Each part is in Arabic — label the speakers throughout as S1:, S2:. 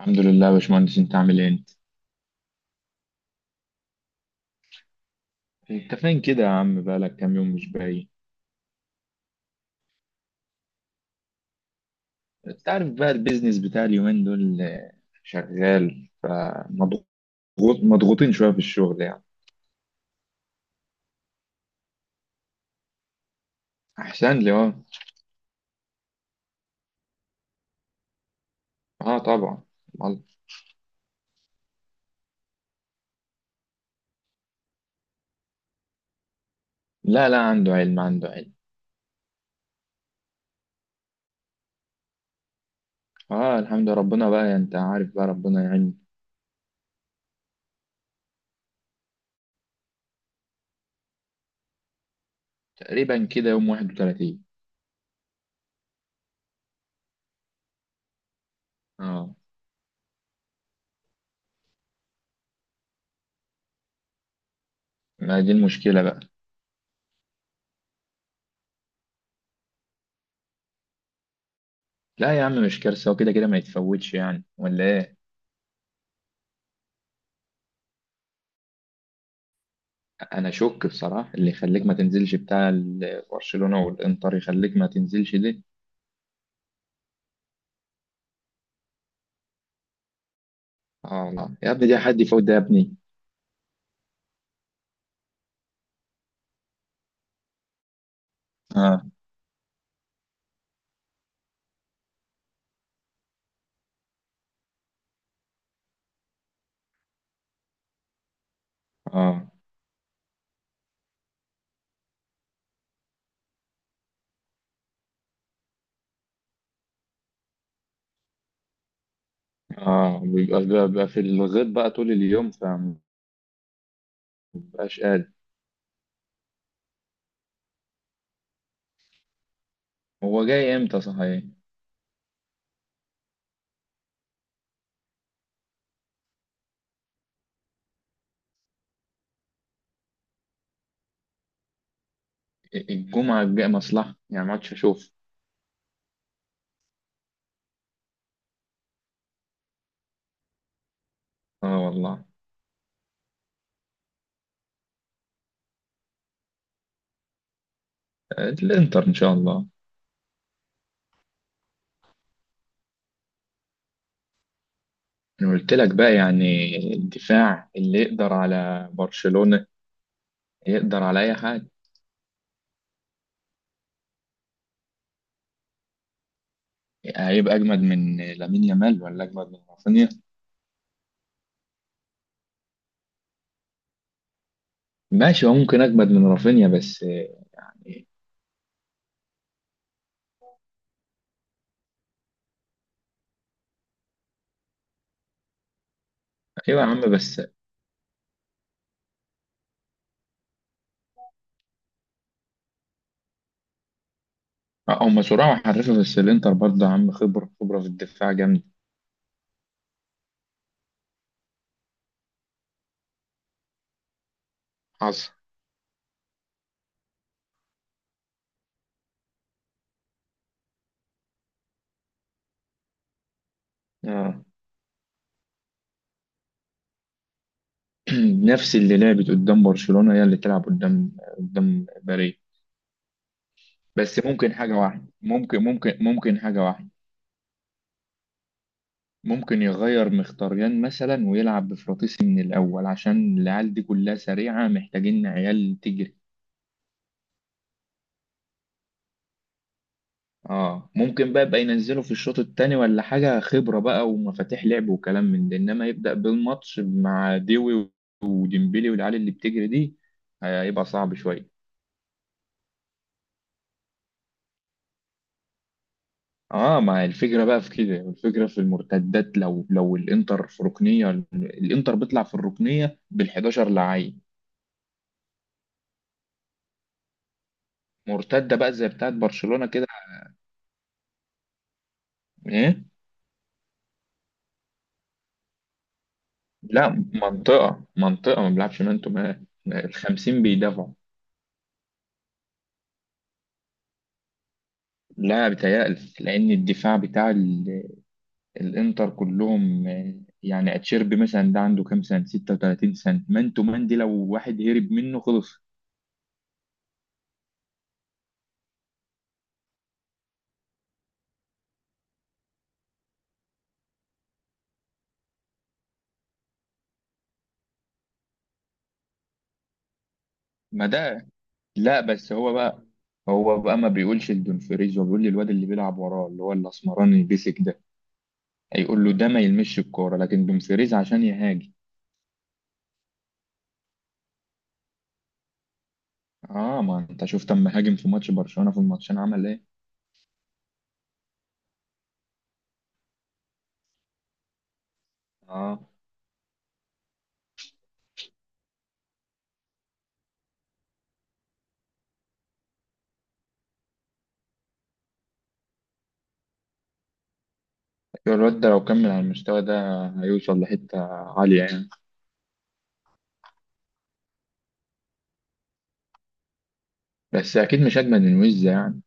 S1: الحمد لله يا باشمهندس، انت عامل ايه؟ انت فين كده يا عم؟ بقالك كام يوم مش باين. انت عارف بقى، البيزنس بتاع اليومين دول شغال فمضغوط. مضغوطين شويه في الشغل يعني. احسن لي اه. اه طبعا. والله. لا لا، عنده علم عنده علم. اه الحمد لله، ربنا بقى انت عارف بقى، ربنا يعين. تقريبا كده يوم 31. اه. ما دي المشكله بقى. لا يا عم مش كارثه، وكده كده ما يتفوتش يعني، ولا ايه؟ انا شك بصراحه، اللي يخليك ما تنزلش بتاع برشلونه والانتر يخليك ما تنزلش دي. اه لا يا ابني، دي حد يفوت ده يا ابني؟ اه. اه. اه بيبقى في الغيط بقى طول اليوم فمبقاش قادر. هو جاي امتى صحيح؟ الجمعه الجايه مصلحه يعني، ما عادش اشوف. اه والله. الانتر ان شاء الله. انا قلت لك بقى، يعني الدفاع اللي يقدر على برشلونه يقدر على اي حاجه. هيبقى اجمد من لامين يامال ولا اجمد من رافينيا؟ ماشي، هو ممكن اجمد من رافينيا بس يعني. ايوه يا عم بس. هم سرعه وحرفه، بس الانتر برضه يا عم خبره خبره في الدفاع جامده. حصل. آه. نفس اللي لعبت قدام برشلونه هي اللي تلعب قدام باريس. بس ممكن حاجه واحده، ممكن حاجه واحده. ممكن يغير مختاريان مثلا ويلعب بفراطيسي من الاول عشان العيال دي كلها سريعه، محتاجين عيال تجري. اه ممكن بقى يبقى ينزله في الشوط التاني ولا حاجة، خبرة بقى ومفاتيح لعب وكلام من ده، انما يبدأ بالماتش مع ديوي وديمبلي والعيال اللي بتجري دي هيبقى صعب شوية. اه ما الفكرة بقى في كده، والفكرة في المرتدات، لو الانتر في ركنية الانتر بيطلع في الركنية بال11 لعيب. مرتدة بقى زي بتاعت برشلونة كده. ايه. لا. منطقة، ما بيلعبش مان تو مان، الخمسين بيدافعوا. لا بيتهيألي، لأن الدفاع بتاع الانتر كلهم يعني اتشيربي مثلا ده عنده كام سنه، 36 سنه، مانتو مان دي لو واحد هرب منه خلص. ما ده. لا بس هو بقى ما بيقولش لدونفريز، هو بيقول للواد اللي بيلعب وراه اللي هو الاسمراني البيسك ده، هيقول له ده ما يلمش الكوره، لكن دونفريز عشان يهاجم. اه ما انت شفت اما هاجم في ماتش برشلونه في الماتشين عمل ايه. اه. الواد ده لو كمل على المستوى ده هيوصل لحته عاليه يعني. بس اكيد مش اجمد من ويز يعني.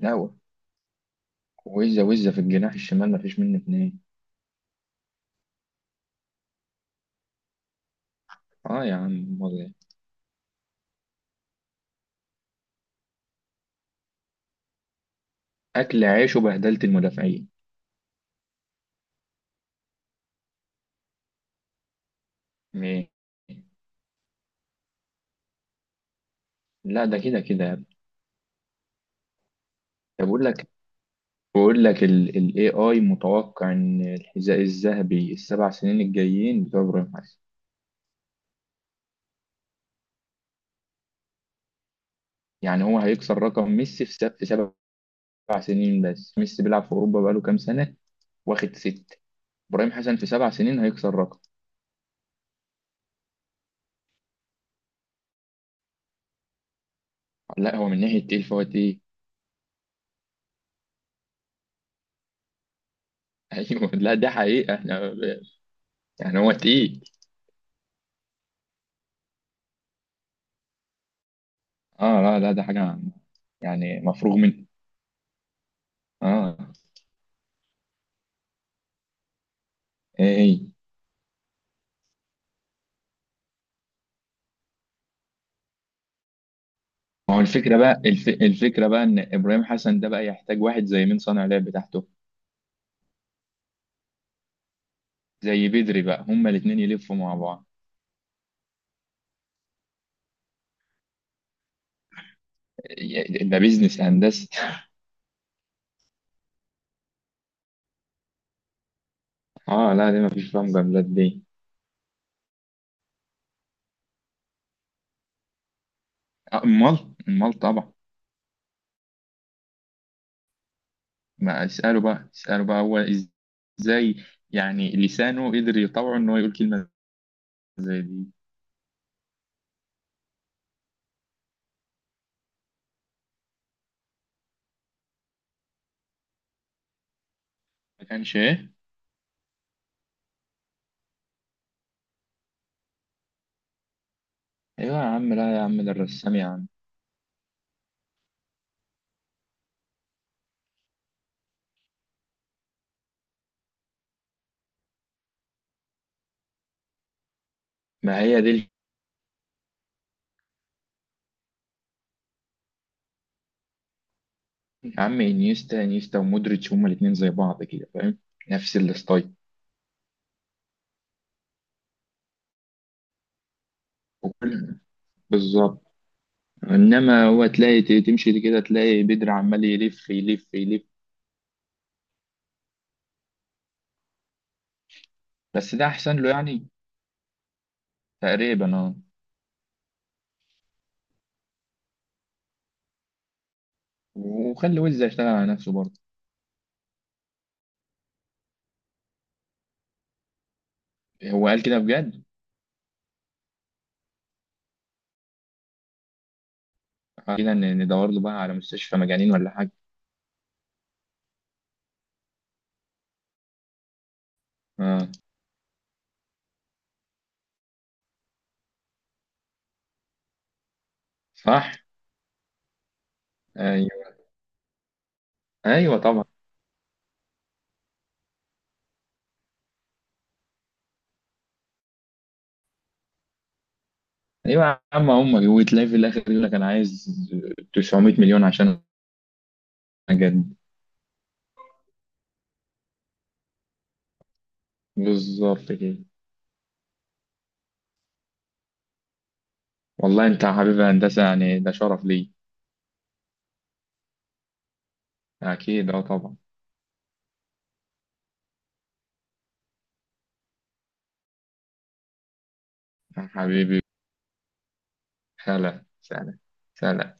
S1: لا. وزة وزة في الجناح الشمال مفيش منه اتنين. اه يا عم، امال إيه؟ اكل عيش وبهدلت المدافعين. إيه؟ لا ده كده كده يا ابني. طب بقول لك ال AI متوقع ان الحذاء الذهبي ال7 سنين الجايين بتوع ابراهيم حسن. يعني هو هيكسر رقم ميسي في في 7 سنين، بس ميسي بيلعب في اوروبا بقاله كام سنة، واخد 6. ابراهيم حسن في 7 سنين هيكسر رقم. لا هو من ناحية تقيل فهو تقيل. ايوه لا ده حقيقة احنا، يعني هو تقيل. اه لا لا، ده حاجة يعني مفروغ من. اه. ايه ايه. ما هو الفكرة بقى الفكرة بقى ان ابراهيم حسن ده بقى يحتاج واحد زي مين؟ صانع لعب بتاعته زي بدري بقى، هما الاتنين يلفوا مع بعض. ده بيزنس هندسي. اه لا دي مفيش فيهم جملات دي. امال امال طبعا. ما اسأله بقى اسأله بقى، هو ازاي يعني لسانه قدر يطوعه ان هو يقول كلمة زي دي؟ ما كانش ايه. ايوه يا عم، لا يا عم ده الرسام يا عم. ما هي دي. يا عم انيستا انيستا ومودريتش هما الاتنين زي بعض كده فاهم، نفس الستايل. وكل. بالظبط. انما هو تلاقي تمشي كده تلاقي بدر عمال يلف يلف يلف. بس ده احسن له يعني. تقريبا اه. وخلي ويلز يشتغل على نفسه برضه. هو قال كده بجد؟ قال كده، ندور له بقى على مستشفى مجانين ولا حاجه. اه. صح. ايوه. ايوه طبعا. ايوه يا عم، هم وتلاقي في الاخر يقول لك انا عايز 900 مليون عشان اجدد. بالظبط كده. والله انت يا حبيبي هندسة، يعني ده شرف لي. اكيد اه طبعا. يا حبيبي. خالة سلام. سلام.